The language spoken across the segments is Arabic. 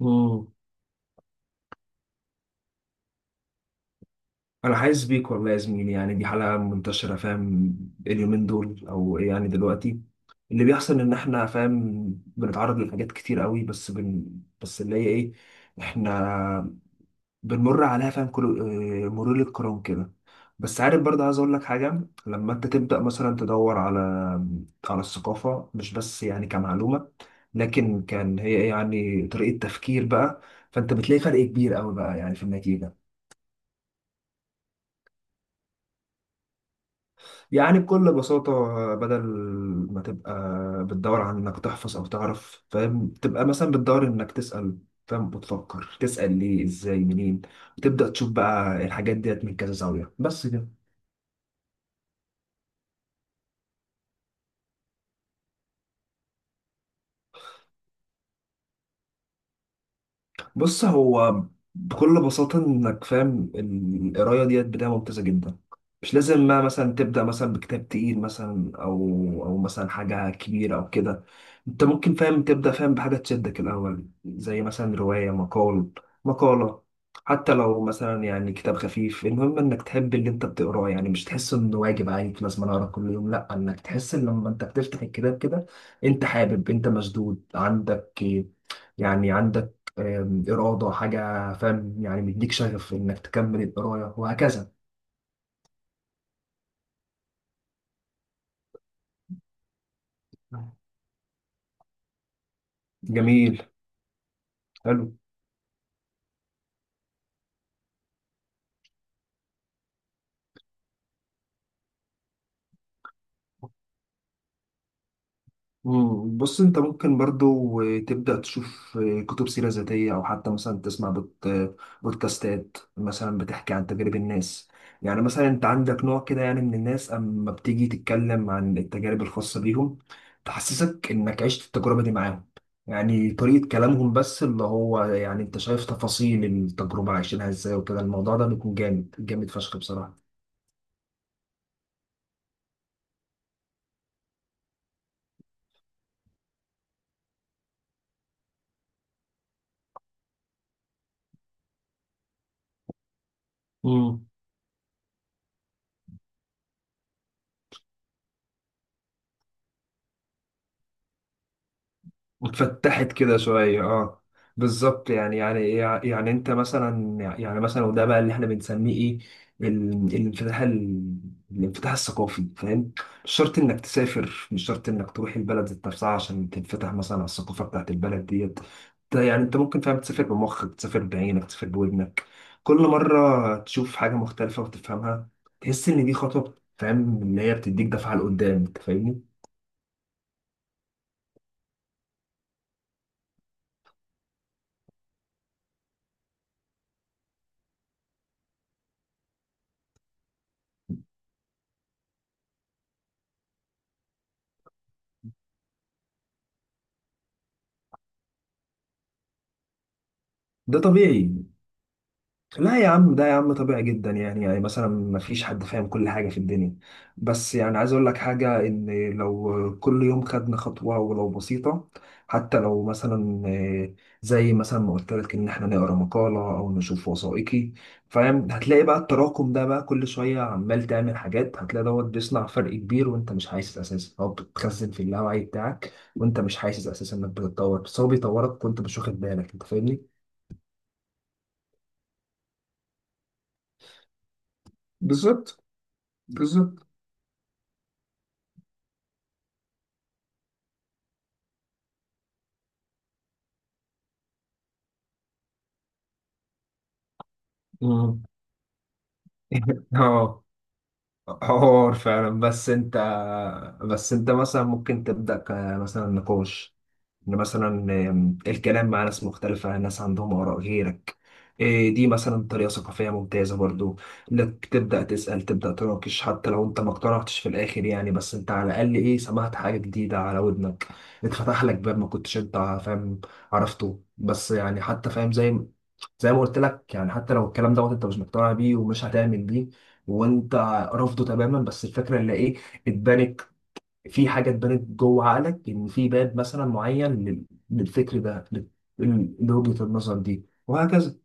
مم. انا حاسس بيك والله يا زميلي، يعني دي حلقه منتشره، فاهم؟ اليومين دول، او يعني دلوقتي، اللي بيحصل ان احنا، فاهم، بنتعرض لحاجات كتير قوي، بس بس اللي هي ايه، احنا بنمر عليها، فاهم، كل مرور الكرام كده. بس عارف برضه، عايز اقول لك حاجه. لما انت تبدا مثلا تدور على الثقافه، مش بس يعني كمعلومه، لكن كان هي إيه، يعني طريقه تفكير بقى، فانت بتلاقي فرق كبير قوي بقى، يعني في النتيجه. يعني بكل بساطة، بدل ما تبقى بتدور على إنك تحفظ أو تعرف، فاهم، تبقى مثلا بتدور إنك تسأل، فاهم، وتفكر تسأل ليه إزاي منين، وتبدأ تشوف بقى الحاجات ديت من كذا زاوية، بس كده. بص، هو بكل بساطة إنك، فاهم، القراية ديت بداية ممتازة جدا. مش لازم ما مثلا تبدأ مثلا بكتاب تقيل مثلا أو مثلا حاجة كبيرة أو كده. أنت ممكن، فاهم، تبدأ، فاهم، بحاجة تشدك الأول، زي مثلا رواية، مقالة. حتى لو مثلا يعني كتاب خفيف، المهم إنك تحب اللي أنت بتقراه، يعني مش تحس إنه واجب عليك لازم أنا أقرأ كل يوم، لأ، إنك تحس إن لما أنت بتفتح الكتاب كده، أنت حابب، أنت مشدود، عندك إرادة، حاجة، فاهم، يعني مديك شغف إنك تكمل القراية وهكذا. جميل. حلو. مم. بص، انت ممكن برضو تبدأ تشوف كتب سيرة ذاتية، او حتى مثلا تسمع بودكاستات مثلا بتحكي عن تجارب الناس. يعني مثلا انت عندك نوع كده يعني من الناس، اما بتيجي تتكلم عن التجارب الخاصة بيهم، تحسسك انك عشت التجربة دي معاهم، يعني طريقة كلامهم، بس اللي هو يعني انت شايف تفاصيل التجربة عايشينها ازاي، وكده الموضوع ده بيكون جامد جامد فشخ بصراحة. مم. اتفتحت كده شوية، اه. بالظبط، يعني يعني انت مثلا، يعني مثلا، وده بقى اللي احنا بنسميه ايه، ال- الانفتاح ال- الانفتاح الثقافي، فاهم. مش شرط انك تسافر، مش شرط انك تروح البلد ذات نفسها عشان تنفتح مثلا على الثقافة بتاعت البلد ديت. ده يعني انت ممكن، فاهم، تسافر بمخك، تسافر بعينك، تسافر بودنك، كل مرة تشوف حاجة مختلفة وتفهمها، تحس ان دي خطوة، فاهم، اللي هي بتديك دفعة لقدام، انت فاهمني. ده طبيعي. لا يا عم، ده يا عم طبيعي جدا، يعني مثلا ما فيش حد فاهم كل حاجة في الدنيا. بس يعني عايز اقول لك حاجة، ان لو كل يوم خدنا خطوة ولو بسيطة، حتى لو مثلا، زي مثلا ما قلت لك ان احنا نقرا مقالة او نشوف وثائقي، فاهم، هتلاقي بقى التراكم ده بقى كل شوية عمال تعمل حاجات، هتلاقي دوت بيصنع فرق كبير وانت مش حاسس اساسا، او بتخزن في اللاوعي بتاعك وانت مش حاسس اساسا انك بتتطور، بس هو بيطورك وانت مش واخد بالك، انت فاهمني؟ بالظبط، بالظبط. مم. اه. حوار فعلا. بس انت مثلا ممكن تبدأ، مثلا نقاش، ان مثلا الكلام مع ناس مختلفة، ناس عندهم آراء غيرك. دي مثلا طريقة ثقافية ممتازة برضو. انك تبدأ تسأل، تبدأ تناقش، حتى لو انت ما اقتنعتش في الآخر يعني، بس انت على الأقل ايه، سمعت حاجة جديدة على ودنك، اتفتح لك باب ما كنتش انت، فاهم، عرفته. بس يعني، حتى فاهم، زي ما قلت لك، يعني حتى لو الكلام دوت انت مش مقتنع بيه ومش هتعمل بيه وانت رافضه تماما، بس الفكرة اللي ايه، اتبنت، في حاجه اتبنت جوه عقلك، ان في باب مثلا معين للفكر ده لوجهه النظر دي وهكذا.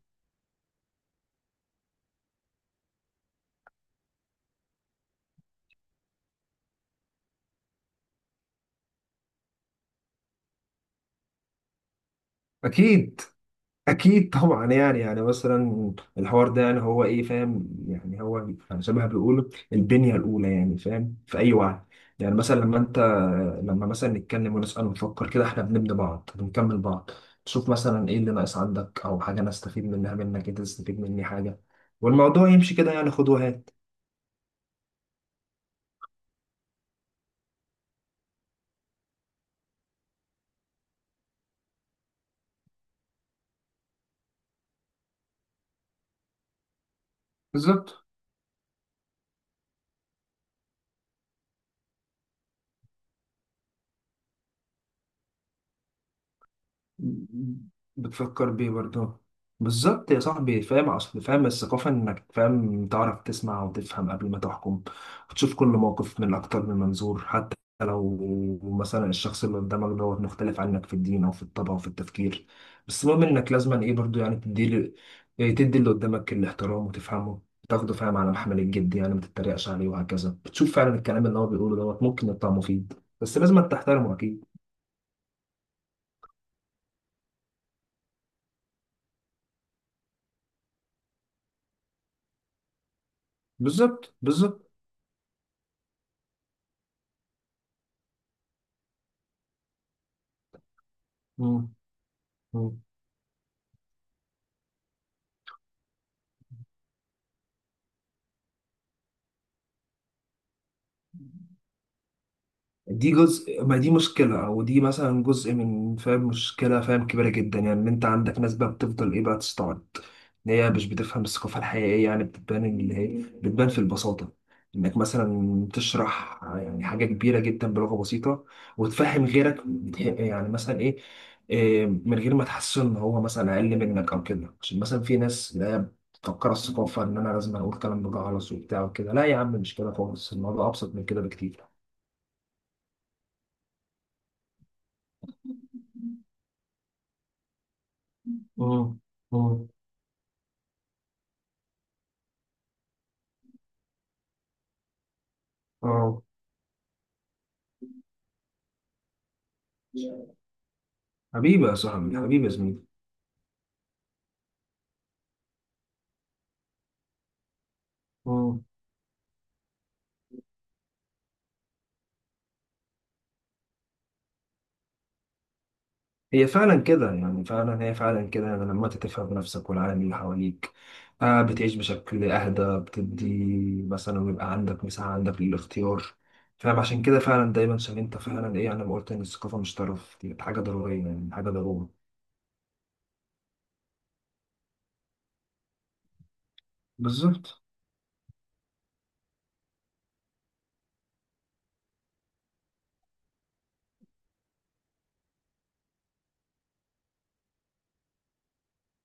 اكيد. اكيد طبعا، يعني مثلا الحوار ده، يعني هو ايه، فاهم، يعني هو يعني زي ما بيقولوا البنيه الاولى، يعني فاهم، في اي وعي. يعني مثلا لما مثلا نتكلم ونسال ونفكر كده، احنا بنبني بعض، بنكمل بعض. تشوف مثلا ايه اللي ناقص عندك، او حاجه انا استفيد منها منك، انت تستفيد مني حاجه، والموضوع يمشي كده، يعني خد وهات. بالظبط، بتفكر بيه برضه. بالظبط يا صاحبي، فاهم، اصل فاهم الثقافة انك، فاهم، تعرف تسمع وتفهم قبل ما تحكم، وتشوف كل موقف من اكتر من منظور، حتى لو مثلا الشخص اللي قدامك دوت مختلف عنك في الدين او في الطبع او في التفكير، بس المهم انك لازما ايه برضه، يعني تدي ل- إيه تدي اللي قدامك الاحترام وتفهمه، تاخده، فاهم، على محمل الجد، يعني ما تتريقش عليه وهكذا. بتشوف فعلا الكلام اللي هو بيقوله دوت ممكن يطلع مفيد، بس لازم تحترمه اكيد. بالظبط، بالظبط. مم. دي جزء ما، دي مشكلة، أو دي مثلا جزء من، فاهم، مشكلة، فاهم، كبيرة جدا. يعني إن أنت عندك ناس بقى بتفضل إيه بقى تستعد، إن هي مش بتفهم الثقافة الحقيقية، يعني بتبان اللي هي بتبان في البساطة، إنك مثلا تشرح يعني حاجة كبيرة جدا بلغة بسيطة وتفهم غيرك، يعني مثلا إيه، من غير ما تحس إن هو مثلا أقل منك أو كده، عشان مثلا في ناس اللي هي بتفكر الثقافة إن أنا لازم أقول كلام بجعلص وبتاع وكده، لا يا عم، مش كده خالص، الموضوع أبسط من كده بكتير. مم. مم. اه، حبيبي يا صاحبي، حبيبي يا زميلي. مم. هي فعلا كده، يعني فعلا هي فعلا كده، يعني لما انت تفهم نفسك والعالم اللي حواليك، بتعيش بشكل اهدى، بتدي مثلا، ويبقى عندك مساحة عندك للاختيار، فاهم، عشان كده فعلا دايما، عشان انت فعلا ايه، انا ما قلت ان الثقافة مش طرف، دي حاجة ضرورية، يعني حاجة ضرورة. بالظبط.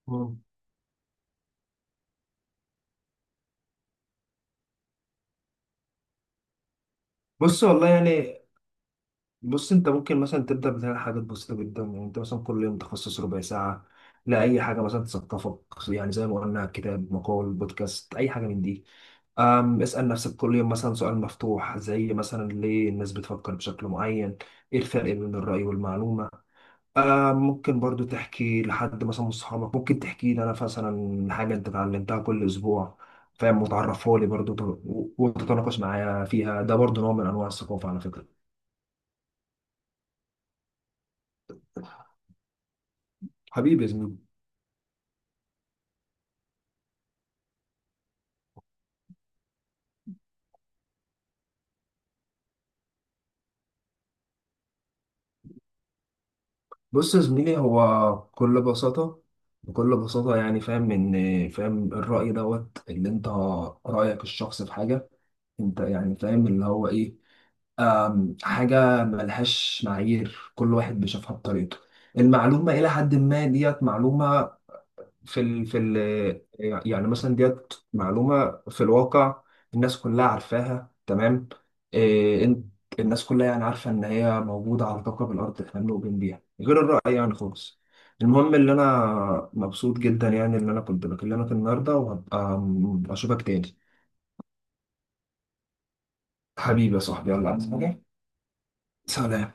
مم. بص والله يعني بص انت ممكن مثلا تبدا بتعمل حاجات بسيطه جدا، يعني انت مثلا كل يوم تخصص ربع ساعه لاي حاجه مثلا تثقفك، يعني زي ما قلنا كتاب، مقال، بودكاست، اي حاجه من دي. اسال نفسك كل يوم مثلا سؤال مفتوح، زي مثلا ليه الناس بتفكر بشكل معين، ايه الفرق بين الراي والمعلومه. ممكن برضو تحكي لحد مثلا من صحابك، ممكن تحكي لي انا مثلا حاجه انت اتعلمتها كل اسبوع، فاهم، وتعرفها لي برضو، وتتناقش معايا فيها، ده برضو نوع من انواع الثقافه على فكره. حبيبي يا زميلي. بص يا زميلي، هو بكل بساطة، يعني فاهم إن، فاهم، الرأي دوت اللي أنت، رأيك الشخص في حاجة، أنت يعني فاهم اللي هو إيه، حاجة ملهاش معايير، كل واحد بيشوفها بطريقته. المعلومة إلى حد ما ديت معلومة في ال في ال يعني مثلا ديت معلومة في الواقع، الناس كلها عارفاها تمام، إيه الناس كلها يعني عارفة إن هي موجودة على كوكب الأرض، إحنا ملومين بيها، غير الرأي يعني خالص. المهم اللي أنا مبسوط جدا، يعني إن أنا كنت بكلمك النهاردة، وهبقى أشوفك تاني. حبيبي يا صاحبي، يلا، عايز حاجة؟ سلام.